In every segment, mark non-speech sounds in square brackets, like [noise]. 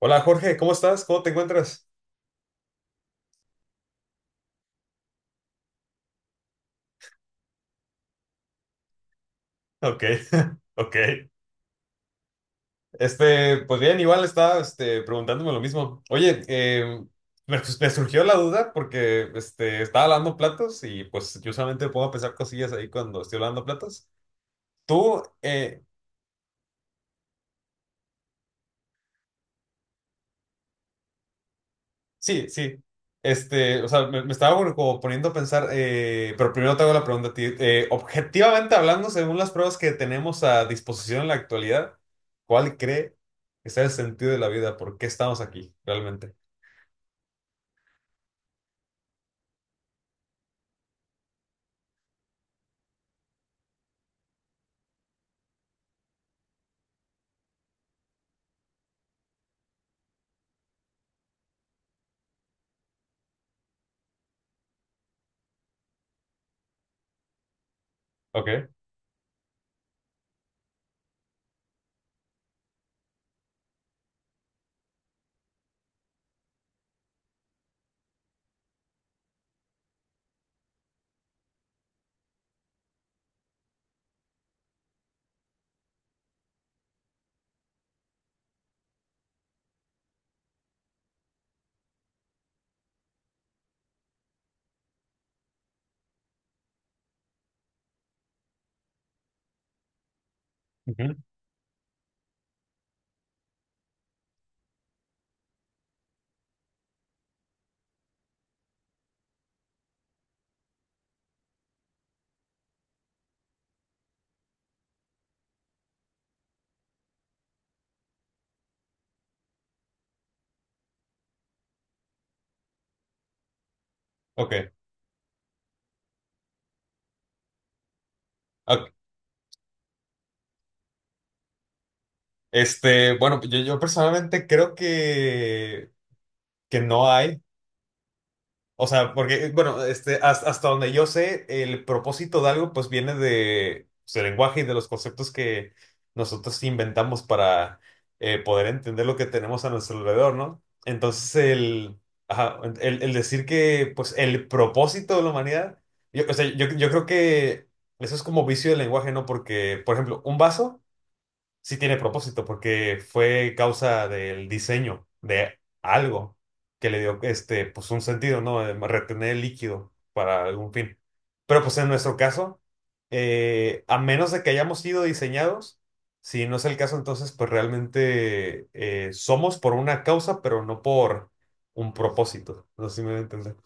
Hola Jorge, ¿cómo estás? ¿Cómo te encuentras? Ok, [laughs] ok. Pues bien, igual estaba preguntándome lo mismo. Oye, me surgió la duda porque estaba lavando platos y pues yo solamente puedo pensar cosillas ahí cuando estoy lavando platos. ¿Tú, Sí, sí. Me estaba bueno, como poniendo a pensar, pero primero te hago la pregunta a ti. Objetivamente hablando, según las pruebas que tenemos a disposición en la actualidad, ¿cuál cree que sea el sentido de la vida? ¿Por qué estamos aquí realmente? Ok. Ujú. Ok. Ok. Bueno, yo personalmente creo que no hay. O sea, porque, bueno, hasta donde yo sé, el propósito de algo pues viene de, pues, del lenguaje y de los conceptos que nosotros inventamos para poder entender lo que tenemos a nuestro alrededor, ¿no? Ajá, el decir que pues el propósito de la humanidad, yo creo que eso es como vicio del lenguaje, ¿no? Porque, por ejemplo, un vaso sí tiene propósito porque fue causa del diseño de algo que le dio pues un sentido, ¿no? De retener el líquido para algún fin. Pero pues en nuestro caso, a menos de que hayamos sido diseñados, si no es el caso, entonces pues realmente somos por una causa, pero no por un propósito. No sé si me voy a entender.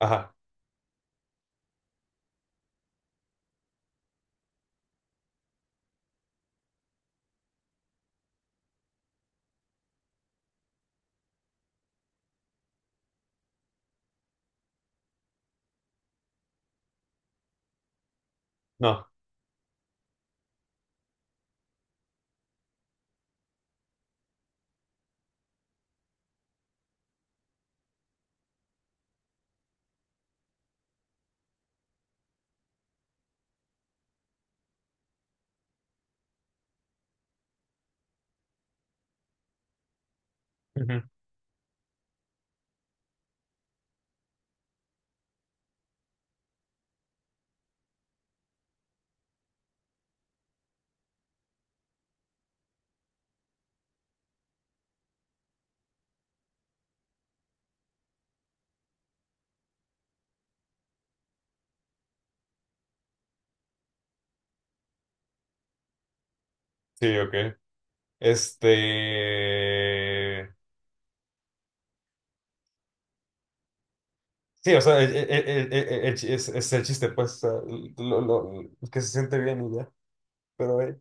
Ajá, no. Ujú. Sí, ok. Este... Sí, o sea, es el chiste, pues, que se siente bien y ya, pero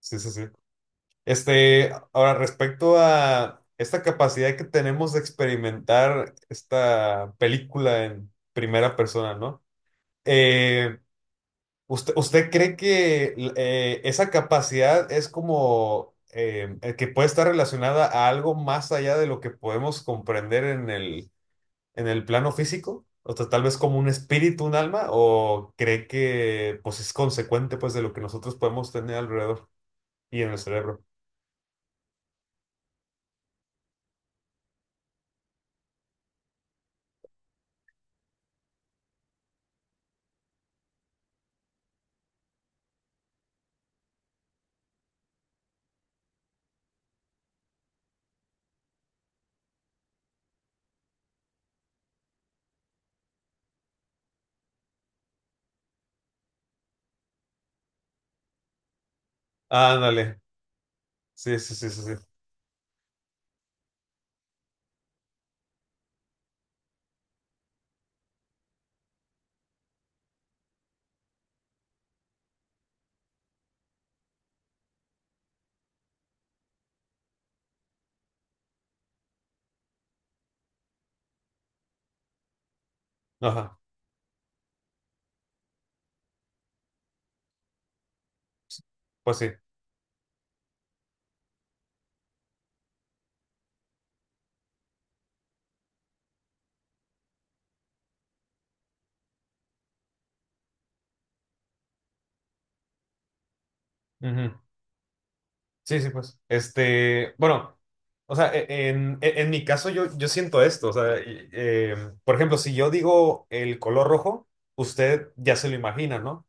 sí, sí, sí. Ahora, respecto a esta capacidad que tenemos de experimentar esta película en primera persona, ¿no? Eh, usted cree que esa capacidad es como que puede estar relacionada a algo más allá de lo que podemos comprender en el plano físico? O sea, tal vez como un espíritu, un alma, o cree que pues es consecuente pues de lo que nosotros podemos tener alrededor y en el cerebro. Ándale. Sí, sí, sí, sí, sí. Ajá. Pues sí. Ujú. Sí, sí, pues. Este, bueno, en mi caso yo siento esto. O sea, por ejemplo, si yo digo el color rojo, usted ya se lo imagina, ¿no?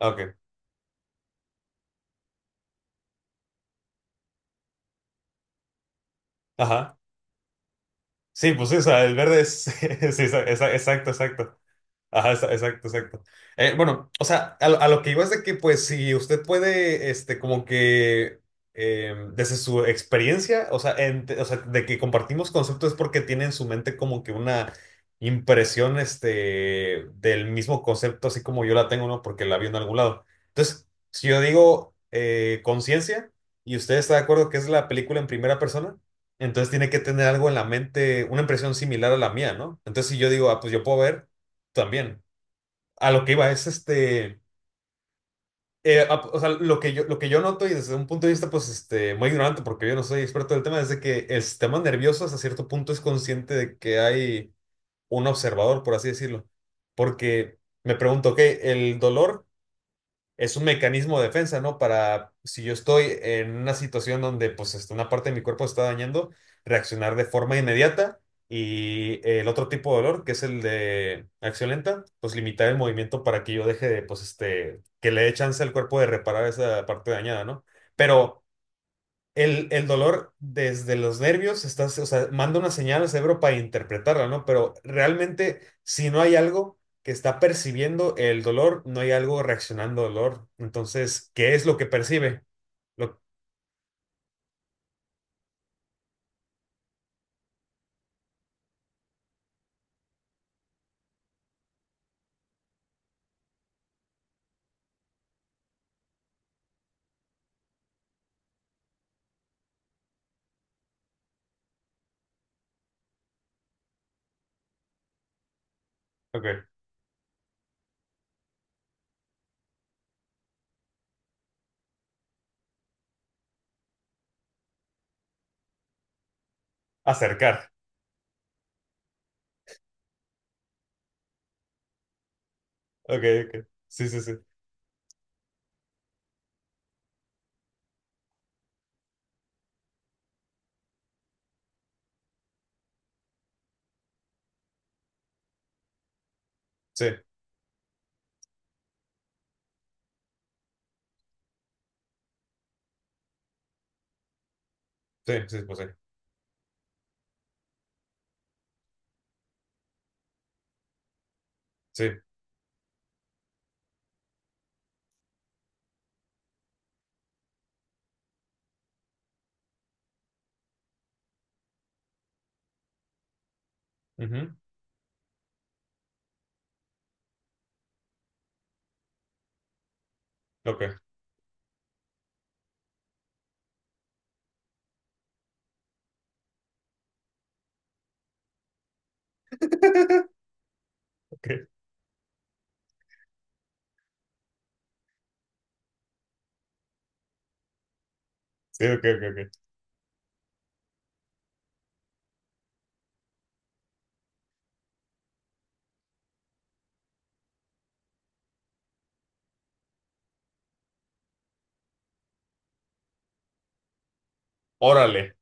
Ah, ok. Ajá. Sí, pues sí, o sea, el verde es. [laughs] Sí, exacto, exacto. Ajá, exacto, exacto. Bueno, a lo que iba es de que, pues, si usted puede, como que, desde su experiencia, o sea, de que compartimos conceptos es porque tiene en su mente como que una impresión, del mismo concepto, así como yo la tengo, ¿no? Porque la vi en algún lado. Entonces, si yo digo conciencia y usted está de acuerdo que es la película en primera persona, entonces tiene que tener algo en la mente, una impresión similar a la mía, ¿no? Entonces, si yo digo, ah, pues yo puedo ver. También a lo que iba es o sea, lo que yo noto y desde un punto de vista, pues, muy ignorante, porque yo no soy experto del tema, es de que el sistema nervioso hasta cierto punto es consciente de que hay un observador, por así decirlo. Porque me pregunto, ok, el dolor es un mecanismo de defensa, ¿no? Para si yo estoy en una situación donde pues una parte de mi cuerpo se está dañando, reaccionar de forma inmediata y el otro tipo de dolor, que es el de acción lenta, pues limitar el movimiento para que yo deje de, pues que le dé chance al cuerpo de reparar esa parte dañada, ¿no? Pero el dolor desde los nervios, estás, o sea, manda una señal al cerebro para interpretarla, ¿no? Pero realmente, si no hay algo que está percibiendo el dolor, no hay algo reaccionando al dolor. Entonces, ¿qué es lo que percibe? Lo, ok, acercar. Ok, ok. Sí, sí, sí. Sí, sí, sí, pues sí. Sí. Ujú, ok. [laughs] Ok. Sí, ok, ok, ok. Órale.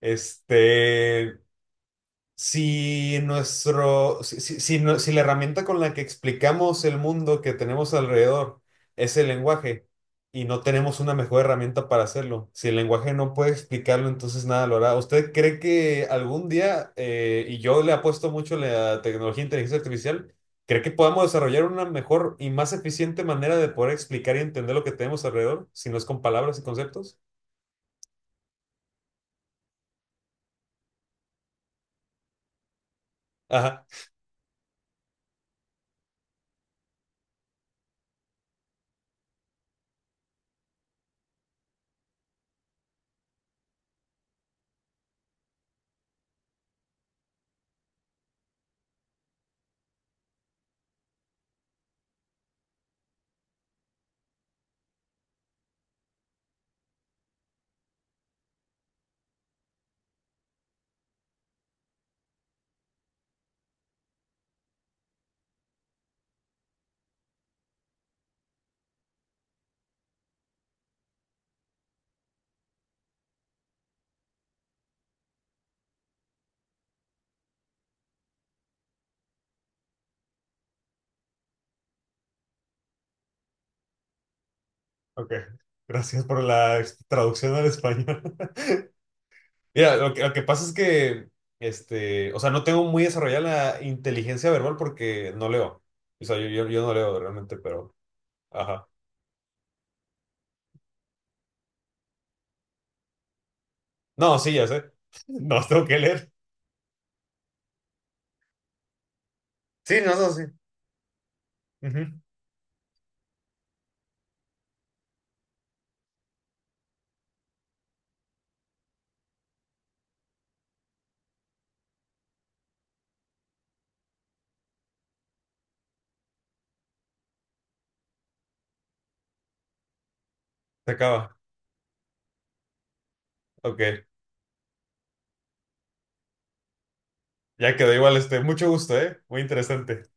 Este. Si nuestro, si, si- si no- Si la herramienta con la que explicamos el mundo que tenemos alrededor es el lenguaje y no tenemos una mejor herramienta para hacerlo, si el lenguaje no puede explicarlo, entonces nada lo hará. ¿Usted cree que algún día, y yo le apuesto mucho a la tecnología de inteligencia artificial, cree que podamos desarrollar una mejor y más eficiente manera de poder explicar y entender lo que tenemos alrededor, si no es con palabras y conceptos? Ajá, ok. Gracias por la ex- traducción al español. Mira, lo que pasa es que, no tengo muy desarrollada la inteligencia verbal porque no leo. O sea, yo no leo realmente, pero, ajá. No, sí, ya sé. [laughs] No, tengo que leer. Sí, no, no, sí. Ujú. Se acaba. Ok. Ya quedó igual, mucho gusto, ¿eh? Muy interesante.